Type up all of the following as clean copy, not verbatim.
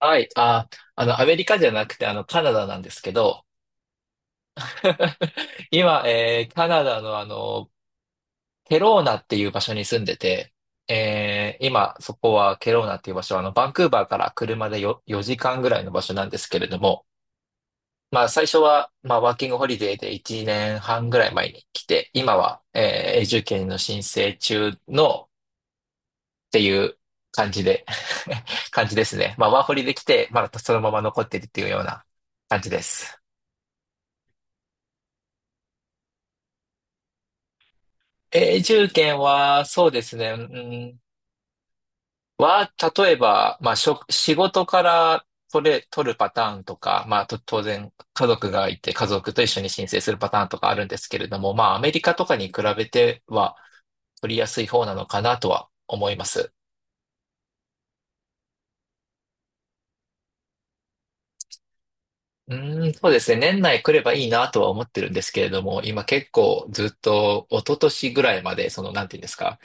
はい。アメリカじゃなくて、カナダなんですけど、今、カナダのケローナっていう場所に住んでて、今、そこはケローナっていう場所は、バンクーバーから車で4時間ぐらいの場所なんですけれども、最初は、ワーキングホリデーで1年半ぐらい前に来て、今は、永住権の申請中のっていう感じで 感じですね。ワーホリで来て、まだそのまま残ってるっていうような感じです。永住権は、そうですね。うん、は、例えば、仕事から取るパターンとか、当然、家族がいて、家族と一緒に申請するパターンとかあるんですけれども、まあ、アメリカとかに比べては、取りやすい方なのかなとは思います。そうですね。年内来ればいいなとは思ってるんですけれども、今結構ずっと、一昨年ぐらいまで、その、なんていうんですか、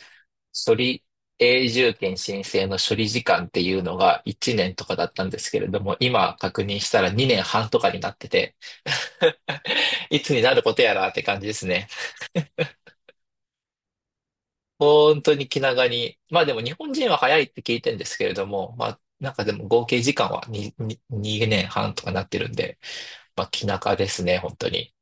処理永住権申請の処理時間っていうのが1年とかだったんですけれども、今確認したら2年半とかになってて、いつになることやらって感じですね。本当に気長に。まあでも日本人は早いって聞いてるんですけれども、まあなんかでも合計時間は2、に年半とかなってるんで、まあ気長ですね、本当に。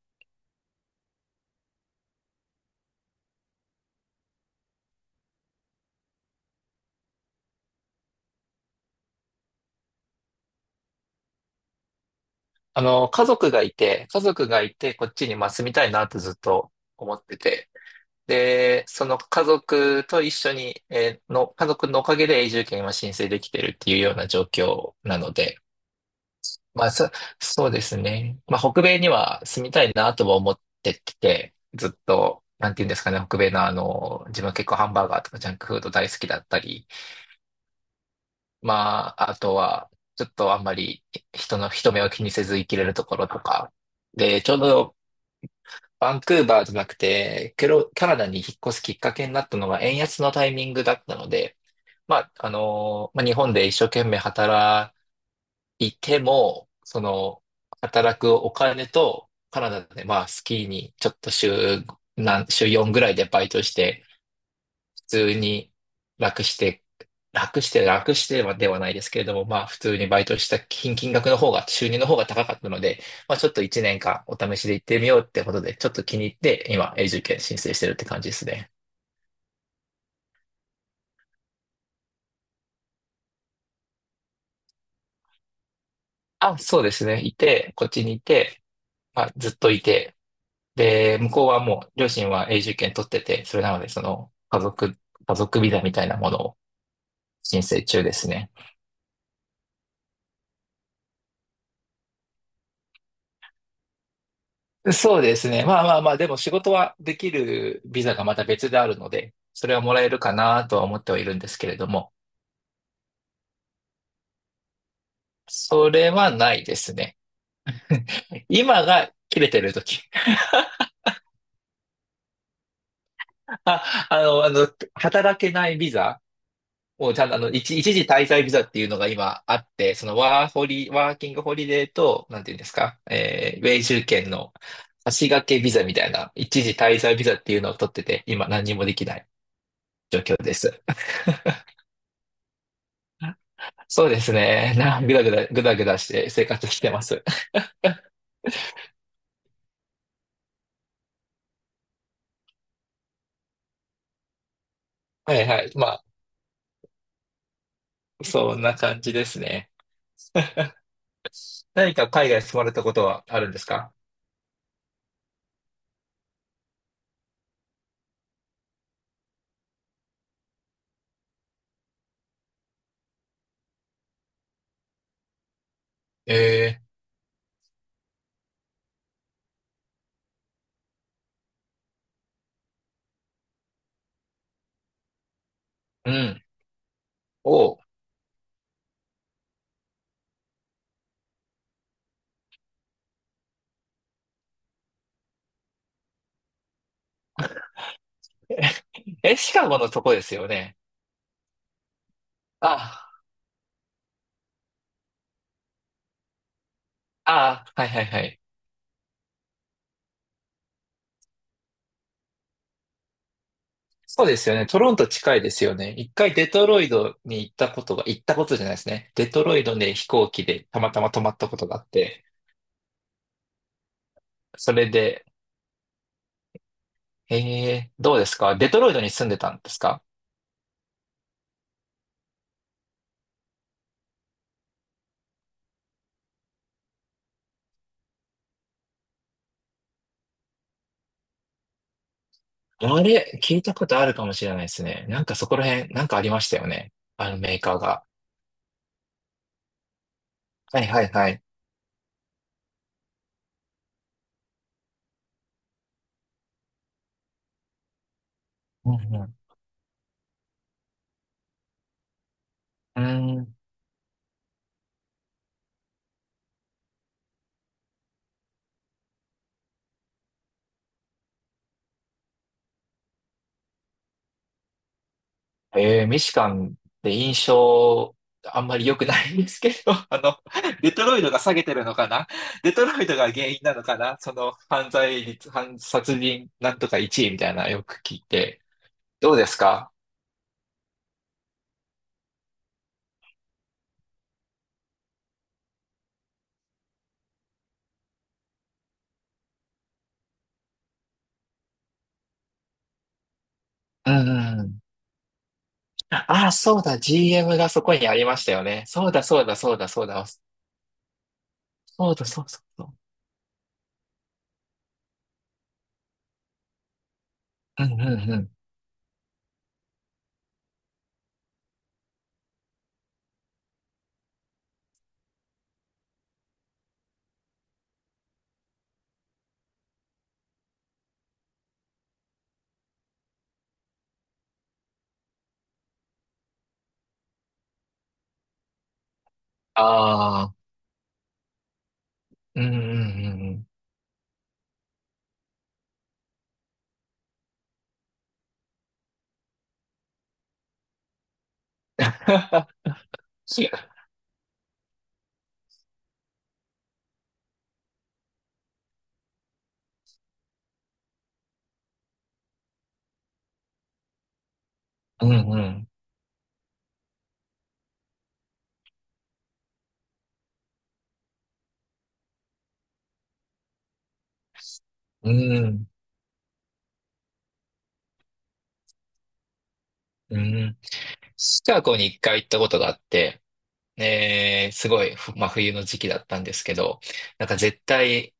家族がいて、こっちにまあ住みたいなってずっと思ってて、で、その家族と一緒に、えーの、家族のおかげで永住権は申請できてるっていうような状況なので、まあ、そ、そうですね。まあ、北米には住みたいなとは思ってて、ずっと、なんていうんですかね、北米の自分は結構ハンバーガーとかジャンクフード大好きだったり、まあ、あとは、ちょっとあんまり人目を気にせず生きれるところとか、で、ちょうどバンクーバーじゃなくて、ケロ、カナダに引っ越すきっかけになったのは円安のタイミングだったので、まあ、日本で一生懸命働いても、その、働くお金と、カナダで、まあ、スキーにちょっと週、なん、週4ぐらいでバイトして、通に楽して、楽して、楽してはではないですけれども、まあ普通にバイトした金額の方が、収入の方が高かったので、まあちょっと1年間お試しで行ってみようってことで、ちょっと気に入って今永住権申請してるって感じですね。あ、そうですね。いて、こっちにいて、まあずっといて、で、向こうはもう両親は永住権取ってて、それなので家族ビザみたいなものを申請中ですね。そうですね。まあ、でも仕事はできるビザがまた別であるので、それはもらえるかなとは思ってはいるんですけれども、それはないですね。今が切れてる時。あの、働けないビザをちゃんと一時滞在ビザっていうのが今あって、そのワーキングホリデーと、なんていうんですか、永住権の足掛けビザみたいな、一時滞在ビザっていうのを取ってて、今何にもできない状況です。そうですね。な、ぐだぐだ、ぐだぐだして生活してます。はいはい。まあ、そんな感じですね。何か海外住まれたことはあるんですか？ええ、うん。おう。え、シカゴのとこですよね。あ、あ、はいはいはい。そうですよね。トロント近いですよね。一回デトロイトに行ったことが、行ったことじゃないですね。デトロイトで飛行機でたまたま泊まったことがあって、それで、えどうですかデトロイトに住んでたんですか？あれ、聞いたことあるかもしれないですね。なんかそこら辺、なんかありましたよね。あのメーカーが。はいはいはい。うんうん。うーん。えー、ミシガンって印象、あんまり良くないんですけど、あの、デトロイトが下げてるのかな？デトロイトが原因なのかな？その犯罪率、殺人なんとか1位みたいなよく聞いて。どうですか？うんうんうん。ああ、そうだ、GM がそこにありましたよね。そうだそうだそうだそうだ。そうだそうそうそうだ。うんうん。ああ、うんうんうんうん。うんうん。うんうん。シカゴに一回行ったことがあって、えー、すごい、冬の時期だったんですけど、なんか絶対、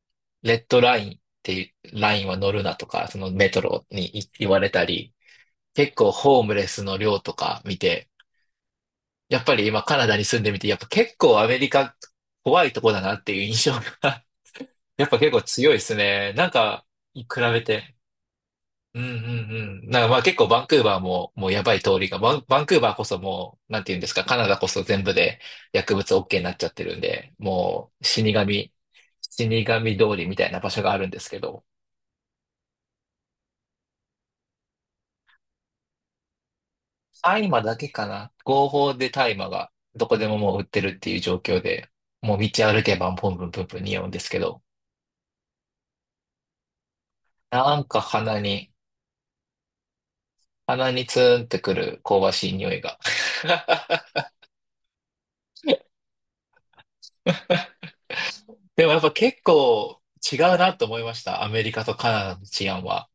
レッドラインっていうラインは乗るなとか、そのメトロに言われたり、結構ホームレスの量とか見て、やっぱり今カナダに住んでみて、やっぱ結構アメリカ怖いとこだなっていう印象が やっぱ結構強いですね。なんか、比べて。うんうんうん。なんかまあ結構バンクーバーももうやばい通りが、バンクーバーこそもう、なんて言うんですか、カナダこそ全部で薬物 OK になっちゃってるんで、もう死神、死神通りみたいな場所があるんですけど、大麻だけかな。合法で大麻がどこでももう売ってるっていう状況で、もう道歩けばポンプンプンプン匂うんですけど、なんか鼻に、鼻にツーンってくる香ばしい匂いが でもやっぱ結構違うなと思いました。アメリカとカナダの治安は。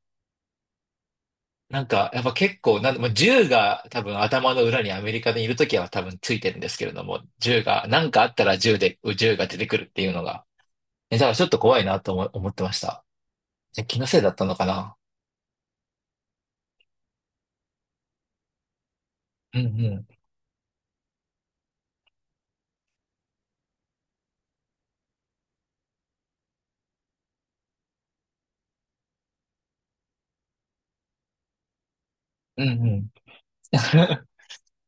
なんか、やっぱ結構、なん、まあ銃が多分頭の裏にアメリカでいるときは多分ついてるんですけれども、なんかあったら銃が出てくるっていうのが。え、だからちょっと怖いなと思ってました。え、気のせいだったのかな？うんうん。うんうん。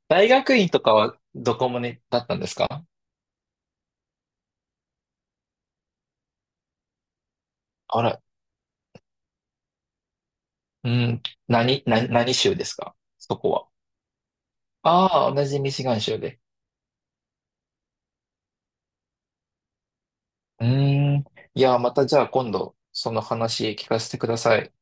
大学院とかはどこもね、だったんですか？あら、うん、何州ですかそこは？ああ、同じミシガン州で。うーん。いや、またじゃあ今度、その話聞かせてください。